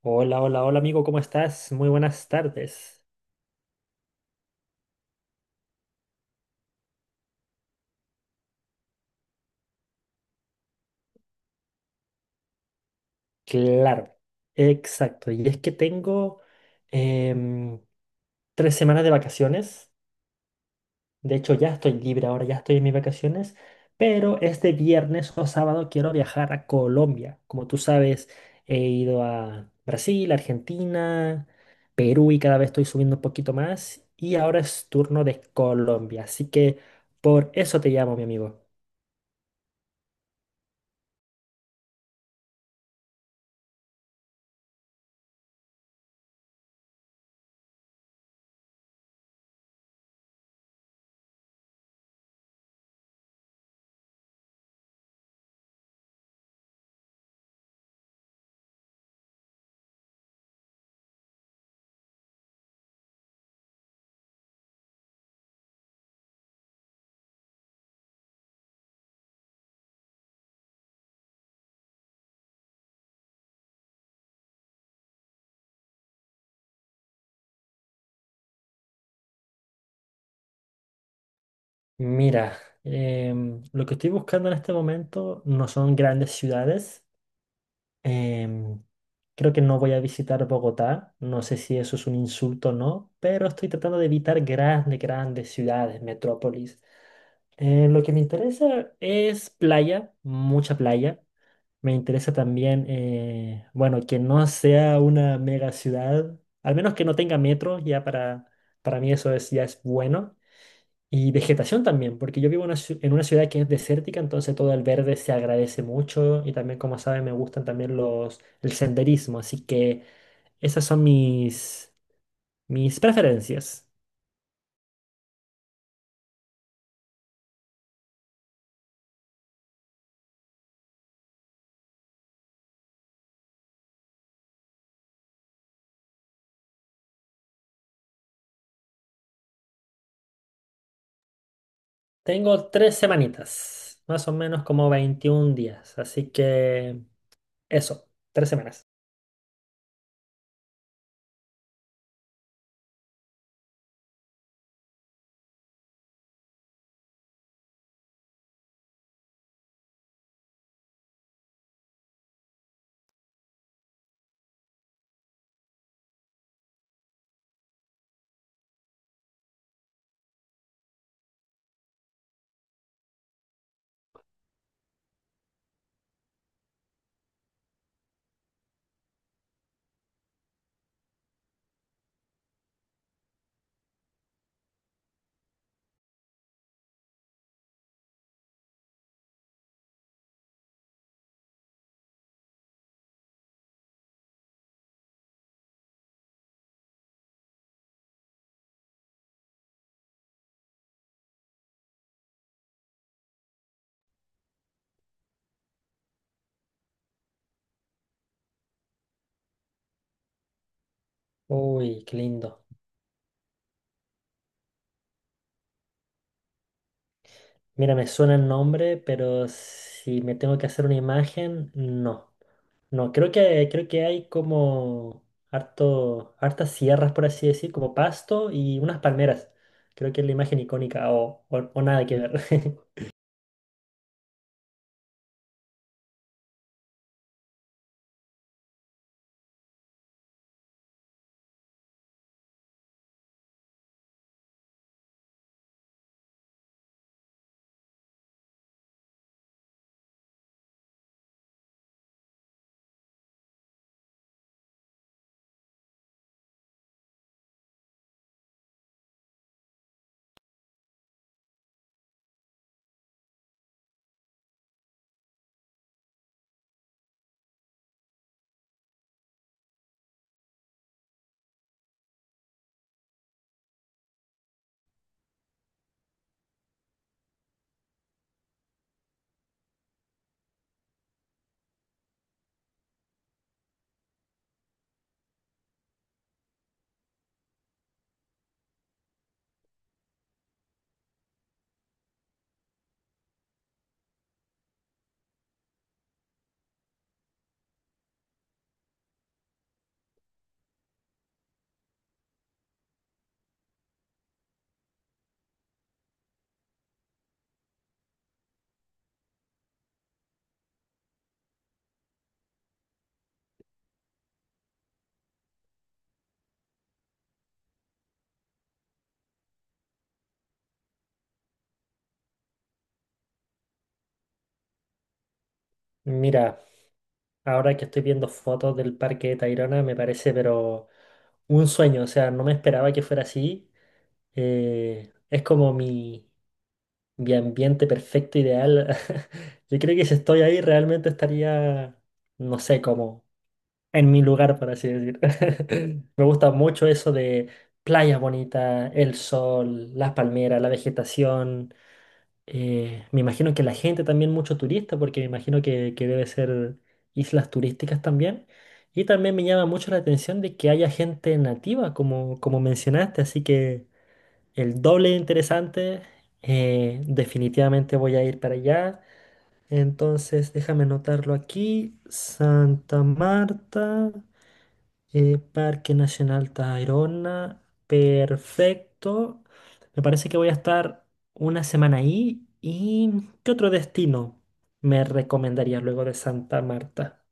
Hola, hola, hola amigo, ¿cómo estás? Muy buenas tardes. Claro, exacto. Y es que tengo em, 3 semanas de vacaciones. De hecho, ya estoy libre ahora, ya estoy en mis vacaciones. Pero este viernes o sábado quiero viajar a Colombia. Como tú sabes, he ido a Brasil, Argentina, Perú y cada vez estoy subiendo un poquito más. Y ahora es turno de Colombia. Así que por eso te llamo, mi amigo. Mira, lo que estoy buscando en este momento no son grandes ciudades. em, Creo que no voy a visitar Bogotá. No sé si eso es un insulto o no, pero estoy tratando de evitar grandes ciudades, metrópolis. Lo que me interesa es playa, mucha playa. Me interesa también, bueno, que no sea una mega ciudad, al menos que no tenga metro, ya para mí eso es, ya es bueno. Y vegetación también, porque yo vivo en una en una ciudad que es desértica, entonces todo el verde se agradece mucho y también, como saben, me gustan también el senderismo, así que esas son mis preferencias. Tengo 3 semanitas, más o menos como 21 días, así que eso, 3 semanas. Uy, qué lindo. Mira, me suena el nombre, pero si me tengo que hacer una imagen, no. No, creo que hay como hartas sierras, por así decir, como pasto y unas palmeras. Creo que es la imagen icónica o, o nada que ver. Mira, ahora que estoy viendo fotos del parque de Tayrona, me parece, pero un sueño. O sea, no me esperaba que fuera así. Es como mi ambiente perfecto, ideal. Yo creo que si estoy ahí, realmente estaría, no sé, cómo en mi lugar, por así decir. Me gusta mucho eso de playa bonita, el sol, las palmeras, la vegetación. Me imagino que la gente también, mucho turista, porque me imagino que debe ser islas turísticas también. Y también me llama mucho la atención de que haya gente nativa, como, como mencionaste, así que el doble de interesante. Definitivamente voy a ir para allá. Entonces, déjame anotarlo aquí. Santa Marta. Parque Nacional Tayrona, perfecto. Me parece que voy a estar 1 semana ahí. ¿Y qué otro destino me recomendarías luego de Santa Marta?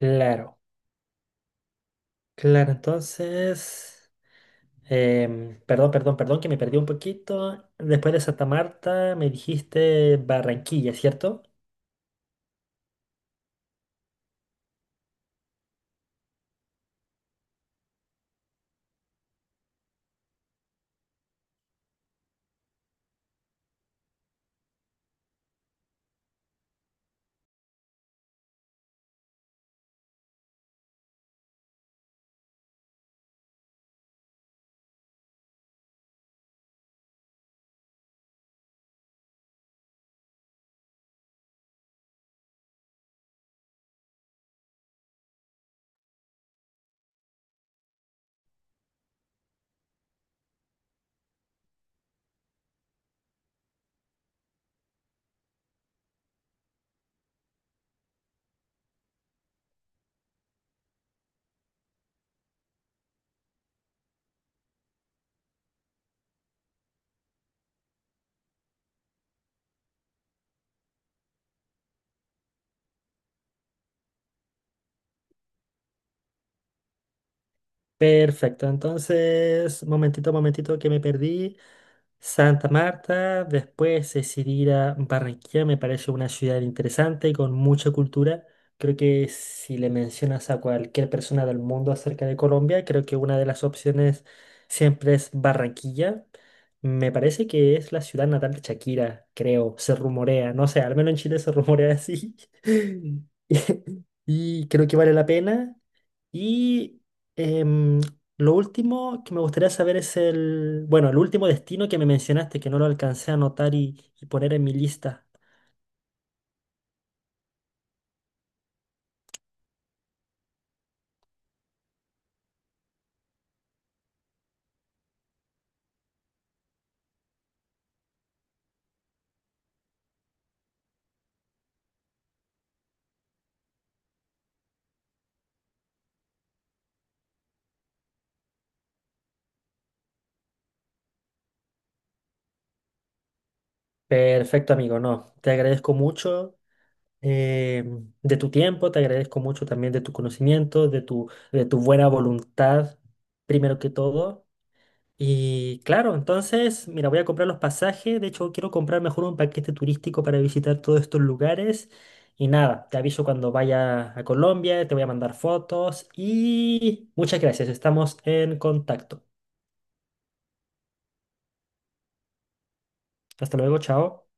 Claro, claro, entonces, perdón, perdón, perdón, que me perdí un poquito. Después de Santa Marta me dijiste Barranquilla, ¿cierto? Perfecto, entonces, momentito, momentito que me perdí. Santa Marta, después decidí ir a Barranquilla, me parece una ciudad interesante y con mucha cultura. Creo que si le mencionas a cualquier persona del mundo acerca de Colombia, creo que una de las opciones siempre es Barranquilla. Me parece que es la ciudad natal de Shakira, creo, se rumorea, no sé, al menos en Chile se rumorea así. Y creo que vale la pena. Y em, lo último que me gustaría saber es el, bueno, el último destino que me mencionaste, que no lo alcancé a anotar y poner en mi lista. Perfecto, amigo, no. Te agradezco mucho de tu tiempo, te agradezco mucho también de tu conocimiento, de tu buena voluntad, primero que todo. Y claro, entonces, mira, voy a comprar los pasajes. De hecho, quiero comprar mejor un paquete turístico para visitar todos estos lugares. Y nada, te aviso cuando vaya a Colombia, te voy a mandar fotos y muchas gracias. Estamos en contacto. Hasta luego, chao.